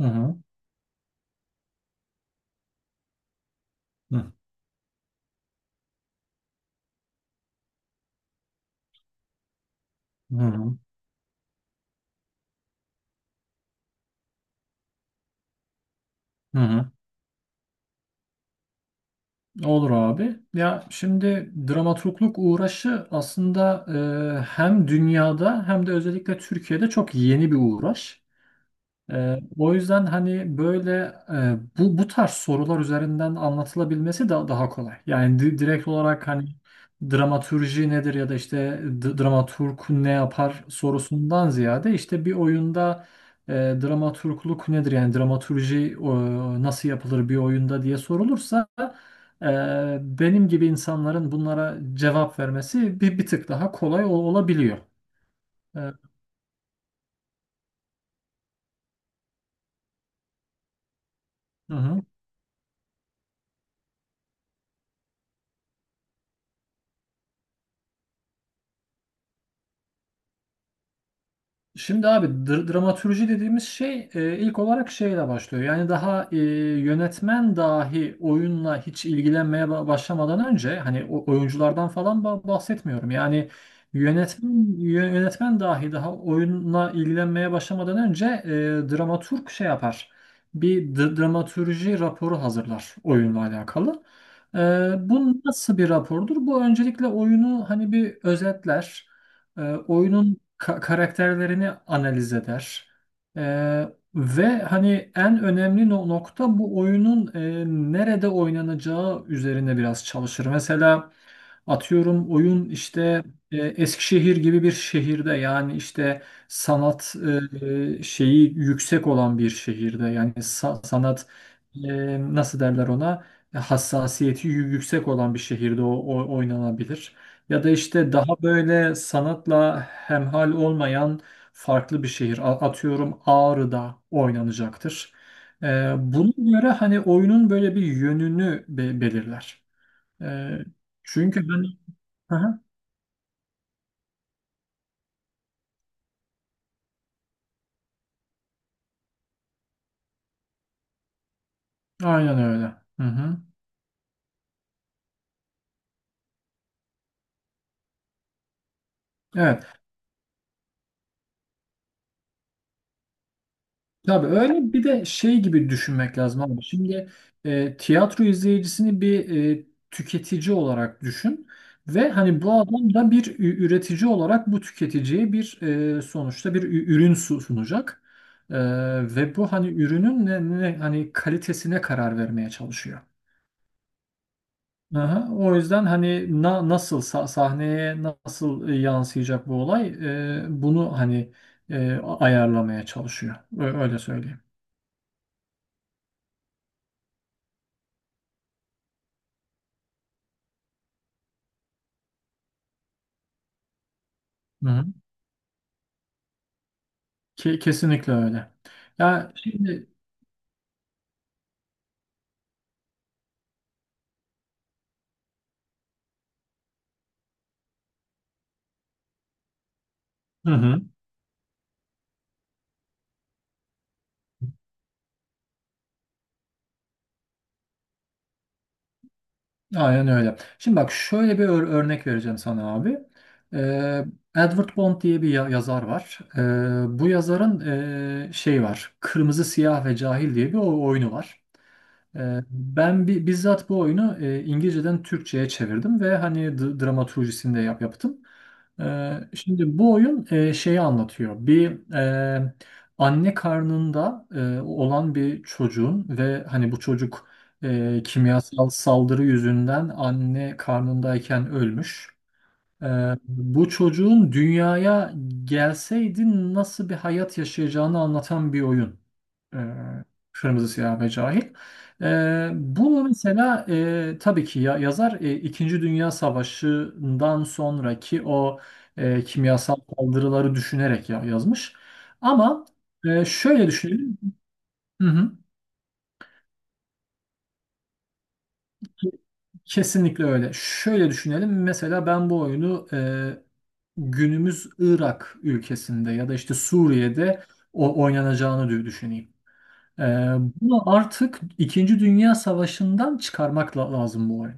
Hı hı. Hı hı. Hı hı. Olur abi. Ya şimdi dramaturgluk uğraşı aslında hem dünyada hem de özellikle Türkiye'de çok yeni bir uğraş. O yüzden hani böyle bu tarz sorular üzerinden anlatılabilmesi daha kolay. Yani direkt olarak hani dramatürji nedir ya da işte dramaturg ne yapar sorusundan ziyade işte bir oyunda dramaturgluk nedir yani dramaturji nasıl yapılır bir oyunda diye sorulursa e, benim gibi insanların bunlara cevap vermesi bir tık daha kolay olabiliyor. E, hı hı. Şimdi abi dramatürji dediğimiz şey ilk olarak şeyle başlıyor. Yani daha yönetmen dahi oyunla hiç ilgilenmeye başlamadan önce hani oyunculardan falan bahsetmiyorum. Yani yönetmen yönetmen dahi daha oyunla ilgilenmeye başlamadan önce dramaturg şey yapar. Bir dramatürji raporu hazırlar oyunla alakalı. E, Bu nasıl bir rapordur? Bu öncelikle oyunu hani bir özetler. Oyunun karakterlerini analiz eder. E, Ve hani en önemli nokta bu oyunun nerede oynanacağı üzerine biraz çalışır. Mesela atıyorum oyun işte Eskişehir gibi bir şehirde yani işte sanat şeyi yüksek olan bir şehirde yani sanat nasıl derler ona hassasiyeti yüksek olan bir şehirde oynanabilir. Ya da işte daha böyle sanatla hemhal olmayan farklı bir şehir. Atıyorum Ağrı'da oynanacaktır. Buna göre hani oyunun böyle bir yönünü belirler. Ee, Çünkü ben... Hı hı, aynen öyle. Hı hı. Evet. Tabii öyle bir de şey gibi düşünmek lazım abi. Şimdi tiyatro izleyicisini bir tüketici olarak düşün ve hani bu adam da bir üretici olarak bu tüketiciye bir sonuçta bir ürün sunacak. E, Ve bu hani ürünün hani kalitesine karar vermeye çalışıyor. Aha, o yüzden hani nasıl sahneye nasıl yansıyacak bu olay bunu hani ayarlamaya çalışıyor. Öyle söyleyeyim. Kesinlikle öyle. Ya şimdi, hı hı, aynen öyle. Şimdi bak şöyle bir örnek vereceğim sana abi. Ee, Edward Bond diye bir yazar var. Bu yazarın şey var. Kırmızı, Siyah ve Cahil diye bir oyunu var. Ben bizzat bu oyunu İngilizceden Türkçe'ye çevirdim ve hani dramaturjisini de yaptım. Şimdi bu oyun şeyi anlatıyor. Bir anne karnında olan bir çocuğun ve hani bu çocuk kimyasal saldırı yüzünden anne karnındayken ölmüş. Bu çocuğun dünyaya gelseydi nasıl bir hayat yaşayacağını anlatan bir oyun. Ee, Kırmızı Siyah ve Cahil. Bunu mesela tabii ki ya, yazar İkinci Dünya Savaşı'ndan sonraki o kimyasal saldırıları düşünerek ya, yazmış. Ama şöyle düşünelim. Hı hı. Kesinlikle öyle. Şöyle düşünelim. Mesela ben bu oyunu günümüz Irak ülkesinde ya da işte Suriye'de o oynanacağını düşüneyim. E, Bunu artık İkinci Dünya Savaşı'ndan çıkarmak lazım bu oyunu.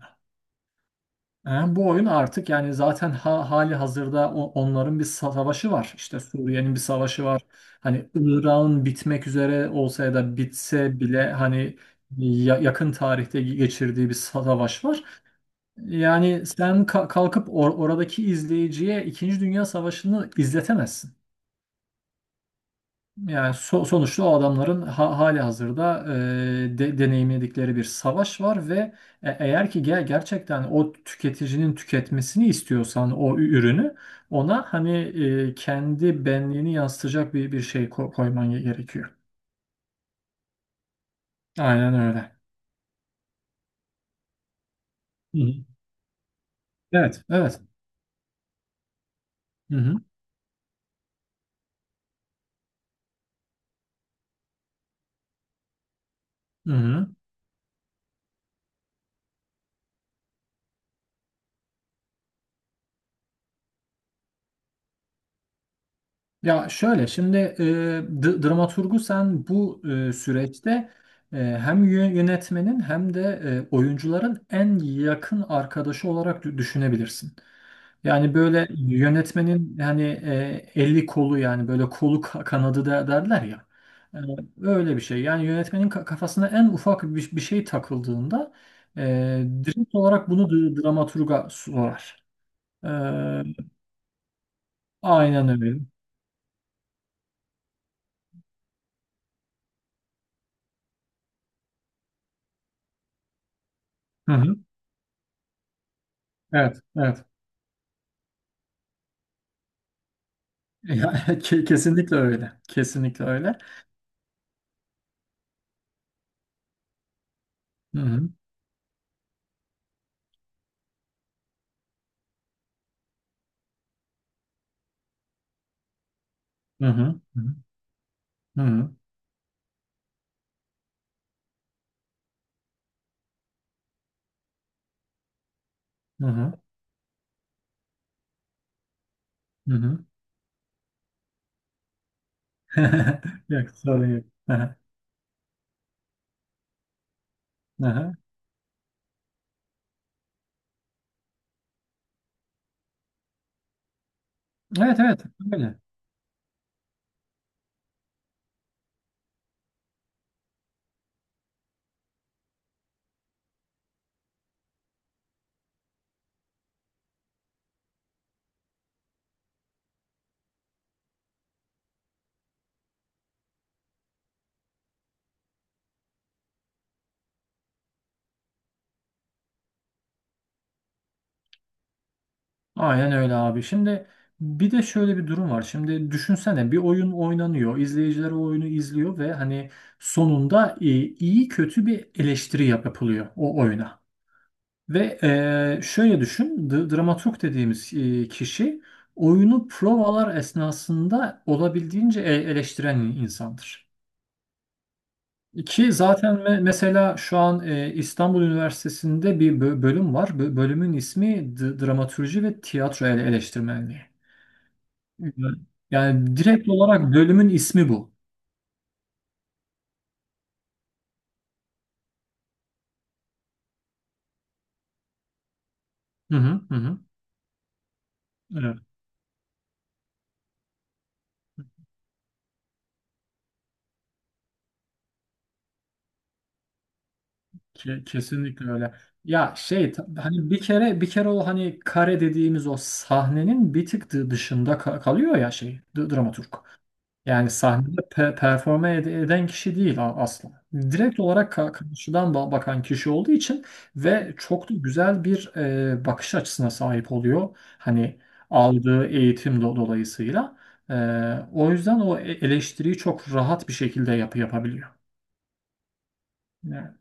E, Bu oyun artık yani zaten hali hazırda onların bir savaşı var. İşte Suriye'nin bir savaşı var. Hani Irak'ın bitmek üzere olsa ya da bitse bile hani yakın tarihte geçirdiği bir savaş var. Yani sen kalkıp oradaki izleyiciye İkinci Dünya Savaşı'nı izletemezsin. Yani sonuçta o adamların hali hazırda deneyimledikleri bir savaş var ve eğer ki gerçekten o tüketicinin tüketmesini istiyorsan o ürünü ona hani kendi benliğini yansıtacak bir şey koyman gerekiyor. Aynen öyle. Hı hı. Evet, evet. Hı hı. Hı hı. Ya şöyle şimdi dramaturgu sen bu süreçte hem yönetmenin hem de oyuncuların en yakın arkadaşı olarak düşünebilirsin. Yani böyle yönetmenin hani eli kolu yani böyle kolu kanadı da derler ya. E, Öyle bir şey. Yani yönetmenin kafasına en ufak bir şey takıldığında direkt olarak bunu dramaturga sorar. E, aynen öyle. Hı hı. Evet, evet. Ya, kesinlikle öyle. Kesinlikle öyle. Hı hı. Hı hı. Hı hı. Hı hı. Hı hı. Yok, sorun yok. Hı hı. Hı hı. Evet, evet, öyle. Aynen öyle abi. Şimdi bir de şöyle bir durum var. Şimdi düşünsene bir oyun oynanıyor. İzleyiciler o oyunu izliyor ve hani sonunda iyi kötü bir eleştiri yapılıyor o oyuna. Ve şöyle düşün, dramaturg dediğimiz kişi oyunu provalar esnasında olabildiğince eleştiren insandır. Ki zaten mesela şu an İstanbul Üniversitesi'nde bir bölüm var. Bölümün ismi dramatürji ve tiyatro eleştirmenliği. Hı. Yani direkt olarak bölümün ismi bu. Hı hı, hı hı. Evet. Kesinlikle öyle. Ya şey hani bir kere bir kere o hani kare dediğimiz o sahnenin bir tık dışında kalıyor ya şey dramaturg. Yani sahnede performe eden kişi değil aslında. Direkt olarak karşıdan bakan kişi olduğu için ve çok da güzel bir bakış açısına sahip oluyor. Hani aldığı eğitim dolayısıyla. E, O yüzden o eleştiriyi çok rahat bir şekilde yapabiliyor. Yani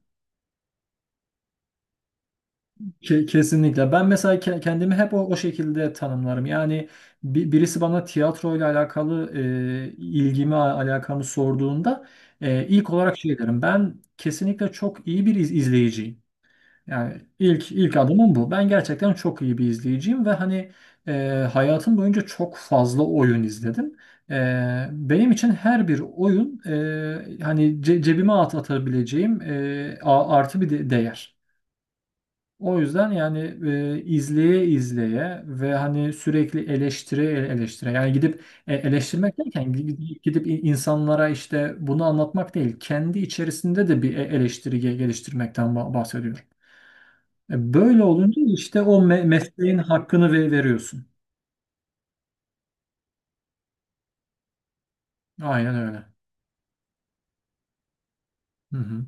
Kesinlikle. Ben mesela kendimi hep o şekilde tanımlarım. Yani birisi bana tiyatroyla alakalı ilgimi, alakamı sorduğunda ilk olarak şey derim. Ben kesinlikle çok iyi bir izleyiciyim. Yani ilk adımım bu. Ben gerçekten çok iyi bir izleyiciyim ve hani e, hayatım boyunca çok fazla oyun izledim. E, Benim için her bir oyun hani cebime atabileceğim artı bir de değer. O yüzden yani izleye izleye ve hani sürekli eleştire eleştire yani gidip eleştirmek derken gidip insanlara işte bunu anlatmak değil kendi içerisinde de bir eleştiri geliştirmekten bahsediyorum. Böyle olunca işte o mesleğin hakkını veriyorsun. Aynen öyle. Hı hı.